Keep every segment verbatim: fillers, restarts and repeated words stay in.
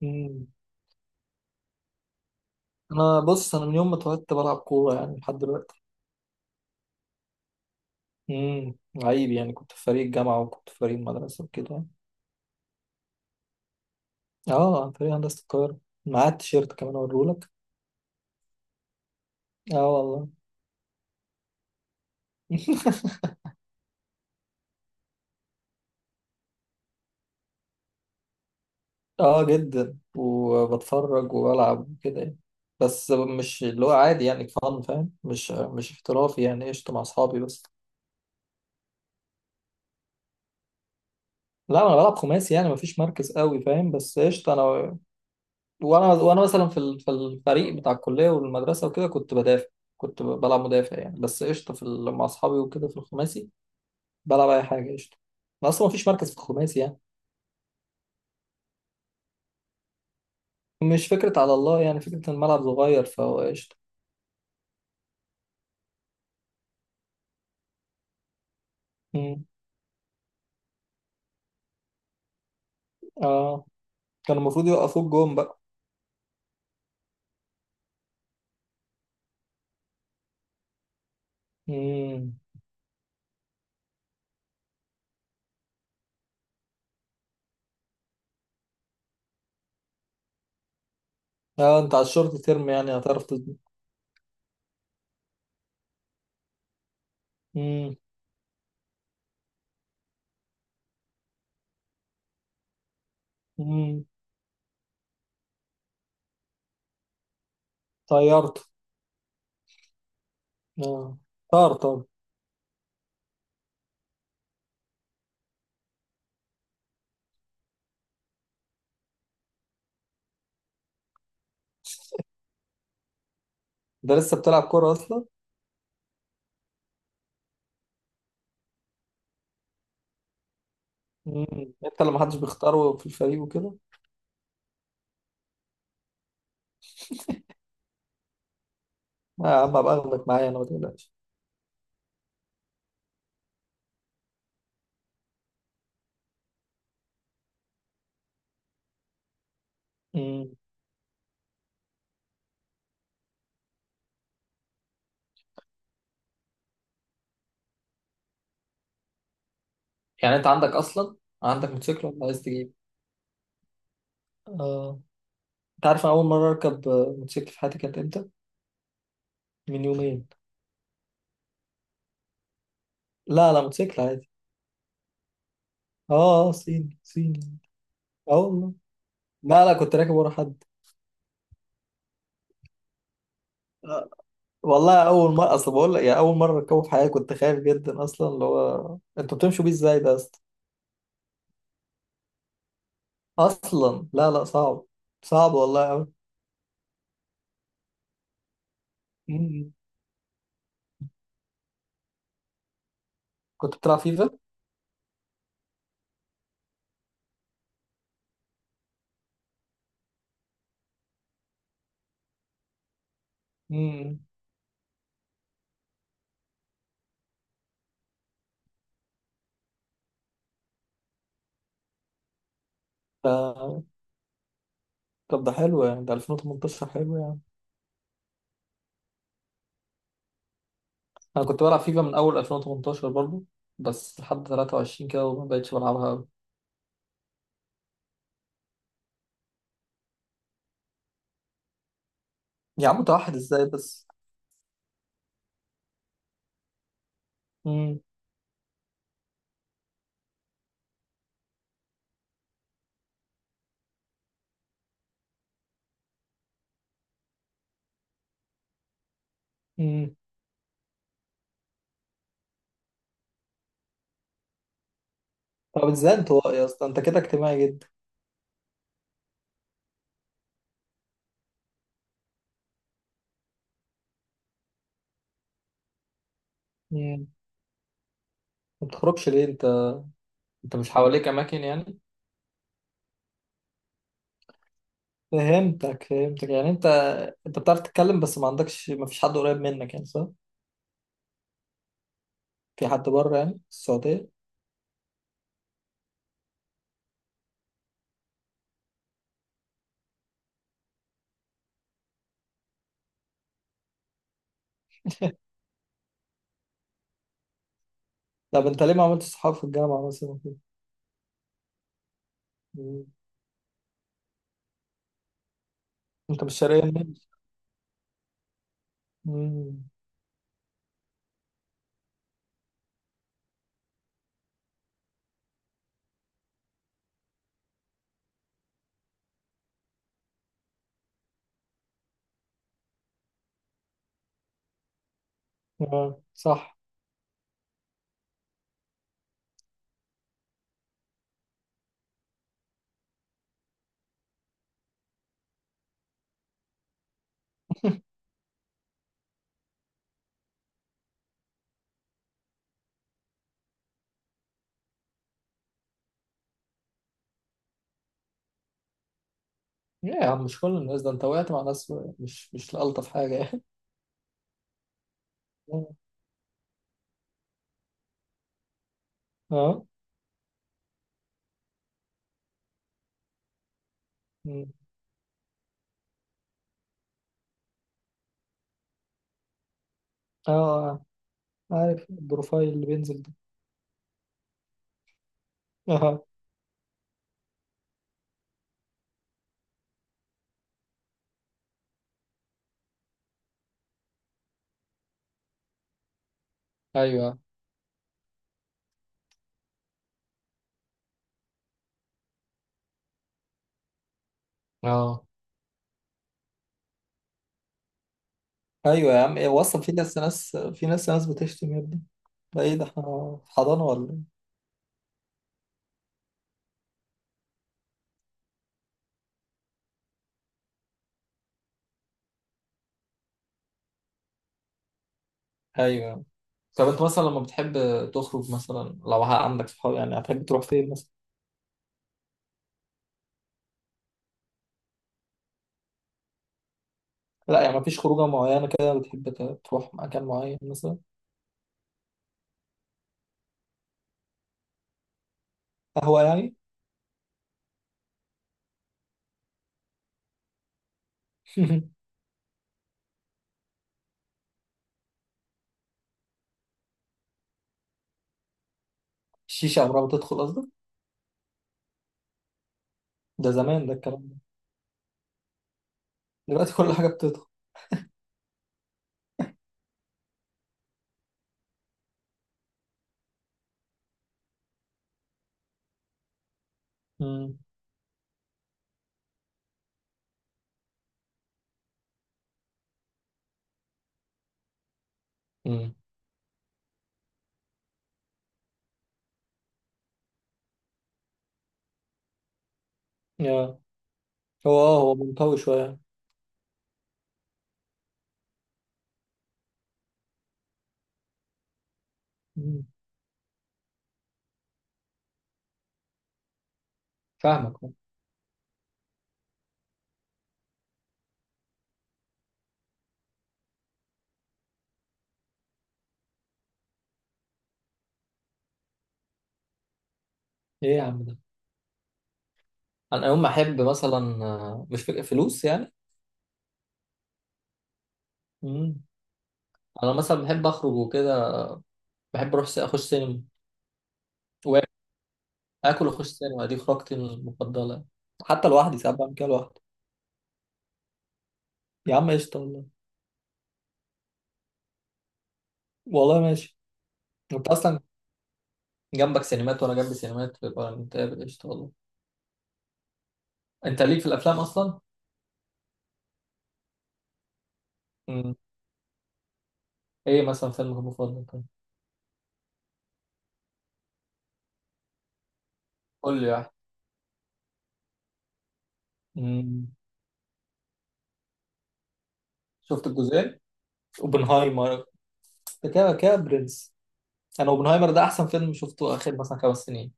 مم. انا بص، انا من يوم ما اتولدت بلعب كوره يعني لحد دلوقتي. امم عيب يعني، كنت في فريق الجامعه وكنت في فريق المدرسه وكده. اه، فريق هندسه القاهره، معايا التيشيرت كمان اوريهولك. اه والله. اه جدا، وبتفرج والعب وكده يعني. بس مش اللي هو عادي، يعني فن فاهم، مش مش احترافي يعني، قشطه مع اصحابي بس. لا انا بلعب خماسي يعني، مفيش مركز قوي فاهم، بس قشطه انا. وانا وانا مثلا في ال- في الفريق بتاع الكليه والمدرسه وكده كنت بدافع. كنت ب- بلعب مدافع يعني، بس قشطه في ال- مع اصحابي وكده في الخماسي، بلعب اي حاجه قشطه. أنا اصلا مفيش مركز في الخماسي يعني. مش فكره على الله يعني، فكره إن الملعب صغير فهو قشطه. مم. اه، كان المفروض يوقفوك جون بقى. مم. اه، انت على الشورت ترم يعني هتعرف تظبط. مم. مم. طيرت. اه. طار طار. ده لسه بتلعب كوره اصلا؟ مم. انت اللي محدش بيختاره في الفريق وكده. ما يا عم ابقى اخدك معايا انا، ما تقلقش. مم. يعني انت عندك اصلا، عندك موتوسيكل ولا عايز تجيب؟ اه. انت عارف انا اول مره اركب آه، موتوسيكل في حياتي كانت امتى؟ من يومين. لا لا، موتوسيكل عادي. اه اه، صيني صيني. اه والله. لا لا، كنت راكب ورا حد. آه، والله اول مره، اصل بقول لك يعني اول مره اركبه في حياتي، كنت خايف جدا اصلا، اللي هو انتوا بتمشوا بيه ازاي ده يا اسطى. اصلا لا لا، صعب. صعب والله قوي. كنت بتلعب فيفا؟ امم. ده طب ده حلو يعني، ده ألفين وتمنتاشر حلو. انا كنت بلعب فيفا من اول ألفين وتمنتاشر برضو، بس لحد تلاتة وعشرين كده وما بقتش بلعبها قوي. يا عم متوحد ازاي بس؟ امم. امم. طب ازاي انطوائي يا اسطى؟ انت كده اجتماعي جدا. امم. ما بتخرجش ليه انت؟ انت مش حواليك اماكن يعني؟ فهمتك فهمتك، يعني انت، انت بتعرف تتكلم بس ما عندكش، ما فيش حد قريب منك يعني، صح؟ في حد بره يعني في السعودية؟ طب انت ليه ما عملتش صحاب في الجامعة مثلا وكده؟ مم. انت مش شرقية مني. مم. اه صح. ليه يا عم، مش كل الناس، ده انت وقعت مع ناس، مش مش الطف حاجه يعني؟ اه. مم. اه. آه. عارف البروفايل اللي بينزل ده؟ اه. ايوه. اه ايوه يا عم إيه، وصل، في ناس، ناس، في ناس، ناس بتشتم يا ابني، ده ايه ده، احنا في حضانه ولا ايه؟ ايوه. طب انت مثلا لما بتحب تخرج مثلا، لو عندك صحاب يعني هتحب تروح فين مثلا؟ لا يعني مفيش خروجه معينه كده بتحب ت- تروح مكان معين مثلا؟ قهوه يعني؟ الشيشه عمرها ما بتدخل قصدك؟ ده زمان ده الكلام ده. دلوقتي كل حاجه بتدخل. مم. امم. يا هو اه، هو منطوي شوية. مم. فاهمك آه. ايه يا عم ده. انا يوم ما احب مثلا آه، مش فكره فلوس يعني. مم. انا مثلا بحب اخرج وكده، بحب اروح س- اخش سينما، واكل واخش سينما، دي خروجتي المفضله، حتى لوحدي ساعات بعمل كده لوحدي. يا عم قشطة والله. والله ماشي. انت اصلا جنبك سينمات وانا جنبي سينمات، يبقى نتقابل قشطه والله. انت ليك في الافلام اصلا؟ مم. ايه مثلا فيلمك المفضل كان؟ قول لي واحد. مم. شفت الجزئين؟ اوبنهايمر. كده كده برنس. انا اوبنهايمر ده احسن فيلم شفته اخر مثلا خمس سنين.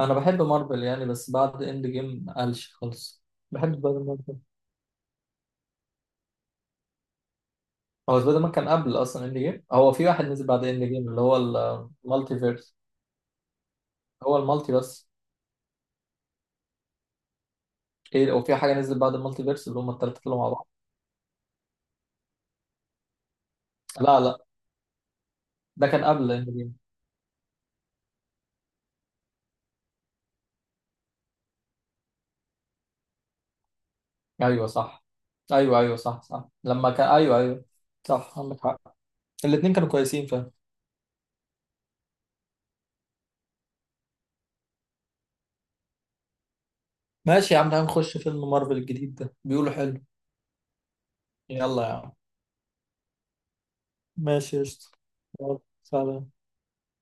انا بحب مارفل يعني، بس بعد اند جيم قالش خالص. بحب سبايدر مان ده. هو سبايدر مان كان قبل اصلا اند جيم، هو في واحد نزل بعد اند جيم اللي هو المالتي فيرس. هو المالتي بس؟ ايه، او في حاجه نزلت بعد المالتي فيرس، اللي هم الثلاثه طلعوا مع بعض. لا لا، ده كان قبل اند جيم. ايوه صح. ايوه ايوه صح صح، لما كان، ايوه ايوه، صح عندك حق. الاثنين كانوا كويسين فاهم. ماشي يا عم، تعال نخش فيلم مارفل الجديد ده، بيقولوا حلو. يلا يا عم. ماشي قشطة. يلا، سلام.